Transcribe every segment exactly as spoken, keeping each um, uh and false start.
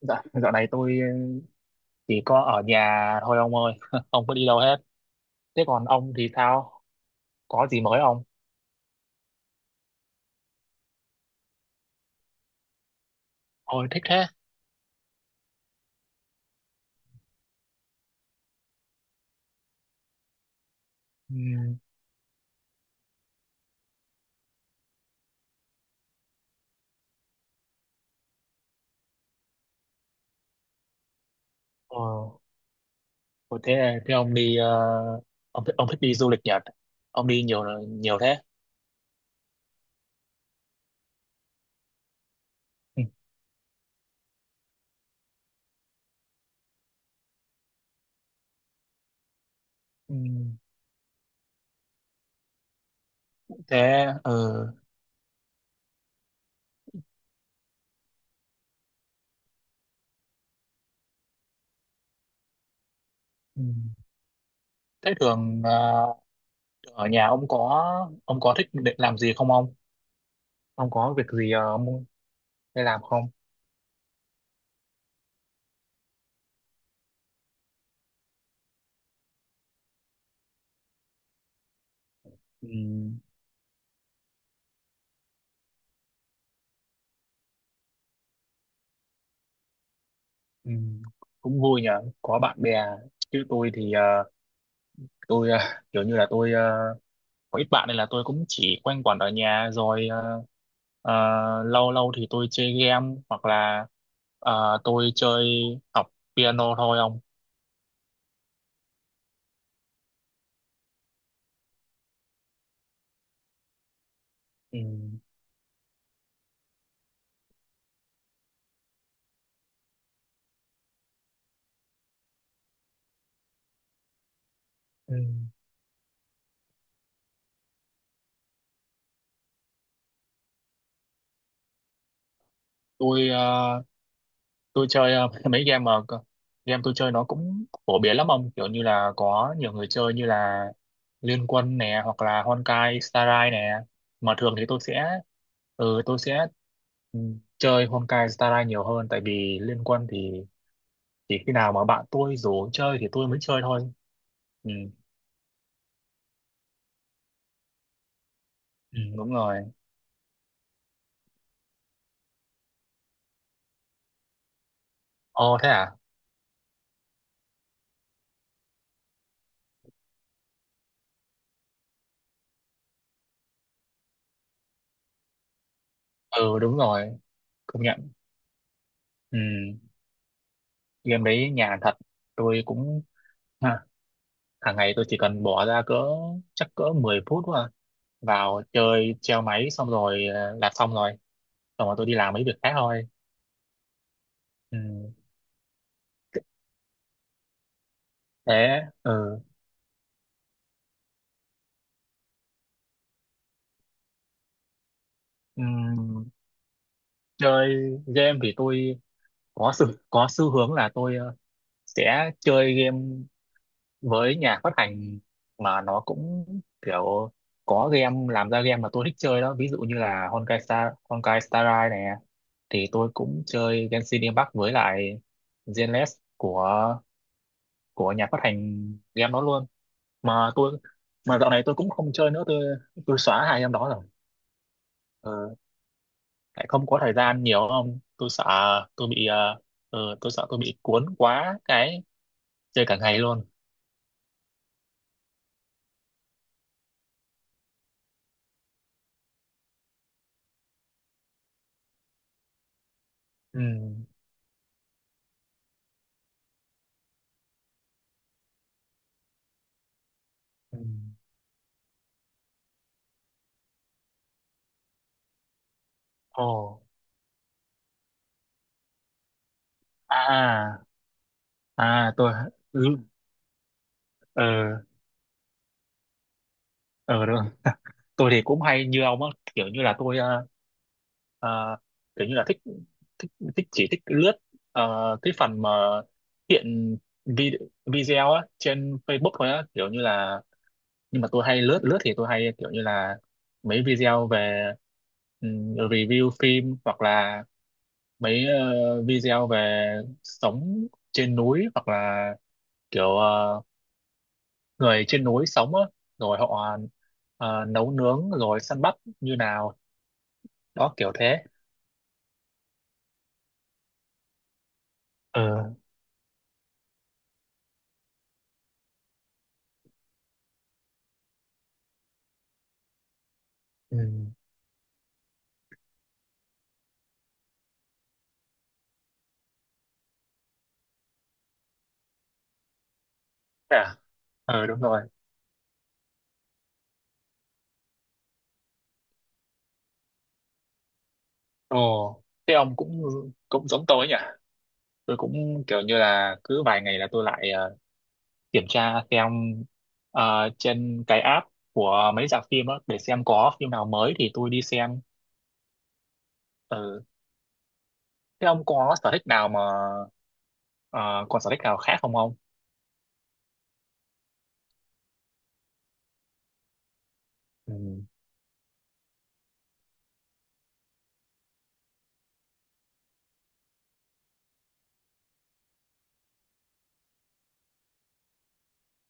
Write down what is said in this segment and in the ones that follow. Dạ, dạo này tôi ờ, chỉ có ở nhà thôi ông ơi, không có đi đâu hết. Thế còn ông thì sao? Có gì mới ông? Ôi thích thế. Ừ. Ờ, ôi thế thế ông đi ờ, ông thích- ông thích đi du lịch Nhật. Ông đi nhiều nhiều thế. Ừ. Ừ. Thế ờ, ừ. Thế thường ờ, ở nhà ông có ông có thích để làm gì không ông? Ông có việc gì ờ, ông hay làm không? Ừ. Ừ. Cũng vui nhờ, có bạn bè. Chứ tôi thì ờ, tôi à, kiểu như là tôi à, có ít bạn nên là tôi cũng chỉ quanh quẩn ở nhà rồi à, à, lâu lâu thì tôi chơi game hoặc là à, tôi chơi học piano thôi ông. Ừ. Ừ. Tôi à, tôi chơi ờ, mấy game mà cơ- game tôi chơi nó cũng phổ biến lắm ông, kiểu như là có nhiều người chơi, như là Liên Quân nè hoặc là Honkai Star Rail nè, mà thường thì tôi sẽ ừ, tôi sẽ ừ, chơi Honkai Star Rail nhiều hơn, tại vì Liên Quân thì chỉ khi nào mà bạn tôi rủ chơi thì tôi mới chơi thôi. Ừ, ừ đúng rồi. Ồ thế à. Ừ đúng rồi, công nhận. Ừ, game đấy nhàn thật. Tôi cũng ha, hàng ngày tôi chỉ cần bỏ ra cỡ chắc cỡ mười phút thôi à. Vào chơi treo máy xong rồi ờ, làm xong rồi xong rồi tôi đi làm mấy việc khác thôi. Ừ. Thế ừ. Ừ. Chơi game thì tôi có sự có xu hướng là tôi ờ, sẽ chơi game với nhà phát hành mà nó cũng kiểu có game làm ra game mà tôi thích chơi đó, ví dụ như là Honkai Star Honkai Star Rail này, thì tôi cũng chơi Genshin Impact với lại Zenless của của nhà phát hành game đó luôn. mà tôi mà dạo này tôi cũng không chơi nữa, tôi tôi xóa hai em đó rồi. Ờ, tại không có thời gian nhiều không tôi sợ tôi bị ờ, ờ, tôi sợ tôi bị cuốn quá cái chơi cả ngày luôn. Ừ. Ừ. Ồ. À à, à, tôi ừ ờ ờ được. Tôi thì cũng hay như ông á, kiểu như là tôi ờ, ờ, kiểu như là thích thích thích chỉ thích lướt ờ, cái phần mà hiện vi- video á trên Facebook thôi á, kiểu như là, nhưng mà tôi hay lướt lướt thì tôi hay kiểu như là mấy video về ừm, review phim, hoặc là mấy ờ, video về sống trên núi, hoặc là kiểu ờ, người trên núi sống á, rồi họ ờ, nấu nướng rồi săn bắt như nào đó, kiểu thế. Ờ. Ừ. Thế à. Ờ đúng rồi. Ồ thế ông cũng cũng giống tôi nhỉ, tôi cũng kiểu như là cứ vài ngày là tôi lại ờ, kiểm tra xem ờ, trên cái app của mấy rạp phim á, để xem có phim nào mới thì tôi đi xem. Ừ. Thế ông có sở thích nào mà ờ, còn sở thích nào khác không ông? Ừ.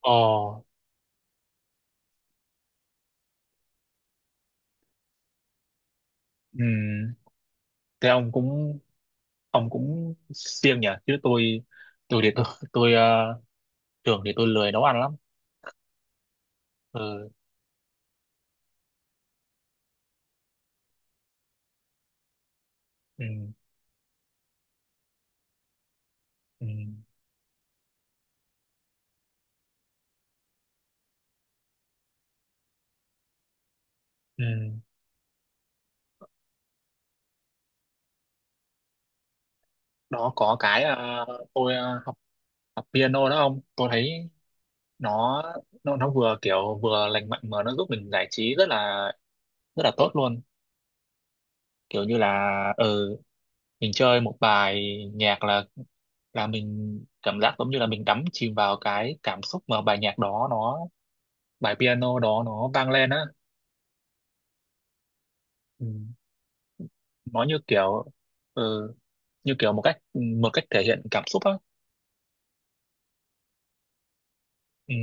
Ờ. Ừ. Thế ông cũng ông cũng siêng nhỉ, chứ tôi tôi thì tôi tôi ờ, thường thì tôi lười nấu ăn lắm. Ừ. Ừ. Ừ. Ừ. Đó có cái ờ, tôi ờ, học, học piano đó ông, tôi thấy nó nó nó vừa kiểu vừa lành mạnh mà nó giúp mình giải trí rất là rất là tốt luôn, kiểu như là ừ, mình chơi một bài nhạc là là mình cảm giác giống như là mình đắm chìm vào cái cảm xúc mà bài nhạc đó nó bài piano đó nó vang lên á. Ừ. Nó như kiểu ừ, như kiểu một cách một cách thể hiện cảm xúc á. Ừ.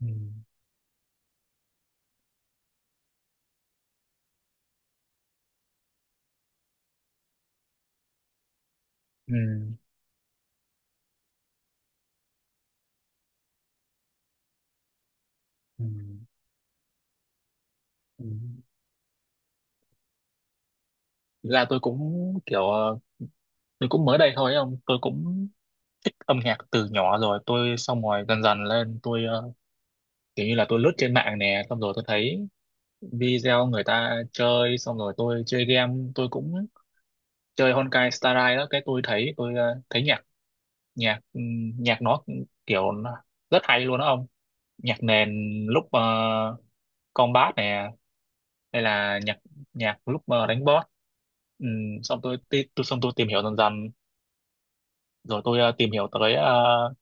Ừ. Ừ. Ừ. Ừ. Thực ra tôi cũng kiểu ờ, tôi cũng mới đây thôi, không tôi cũng thích âm nhạc từ nhỏ rồi, tôi xong rồi dần dần lên tôi ờ, kiểu như là tôi lướt trên mạng nè, xong rồi tôi thấy video người ta chơi, xong rồi tôi chơi game tôi cũng chơi Honkai Star Rail đó, cái tôi thấy tôi ờ, thấy nhạc nhạc ừm, nhạc nó kiểu nó rất hay luôn đó ông. Nhạc nền lúc uh, combat nè, hay là nhạc nhạc lúc ờ, đánh boss. Ừm, xong tôi, ti- tôi xong tôi tìm hiểu dần dần, rồi tôi ờ, tìm hiểu tới ờ,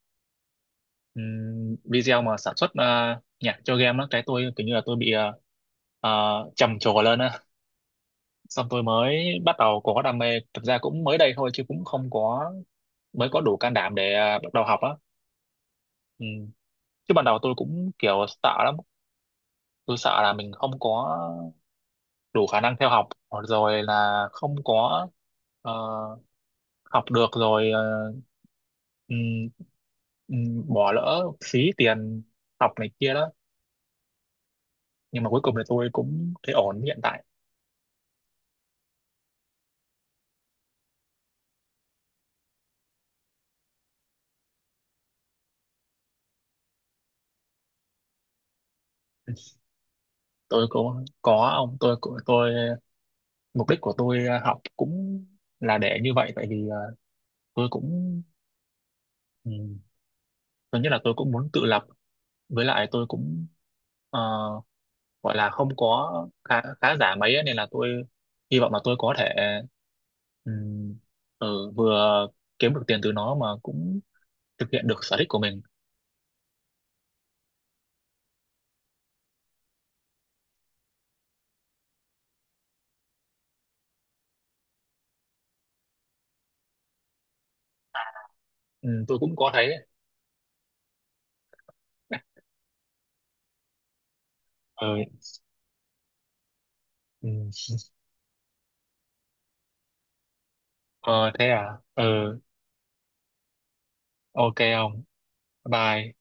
ừm, video mà sản xuất ờ, nhạc cho game đó, cái tôi kiểu như là tôi bị ờ, ờ, trầm trồ lên á, xong tôi mới bắt đầu có đam mê. Thực ra cũng mới đây thôi chứ cũng không có, mới có đủ can đảm để ờ, bắt đầu học á. Ừ. Chứ ban đầu tôi cũng kiểu sợ lắm, tôi sợ là mình không có đủ khả năng theo học, hoặc rồi là không có ờ, học được rồi ờ, ừm, ừm, bỏ lỡ phí tiền học này kia đó. Nhưng mà cuối cùng thì tôi cũng thấy ổn hiện tại. Tôi cũng có ông tôi của tôi mục đích của tôi học cũng là để như vậy, tại vì à, tôi cũng ừ, tôi nghĩ là tôi cũng muốn tự lập. Với lại tôi cũng ờ, gọi là không có khá, khá giả mấy ấy, nên là tôi hy vọng là tôi có thể ừ, ừ, vừa kiếm được tiền từ nó mà cũng thực hiện được sở thích của mình. Ừ, tôi cũng có thấy. Ừ. Ừ. Ờ thế à. Ừ. Ok. Không. Bye bye.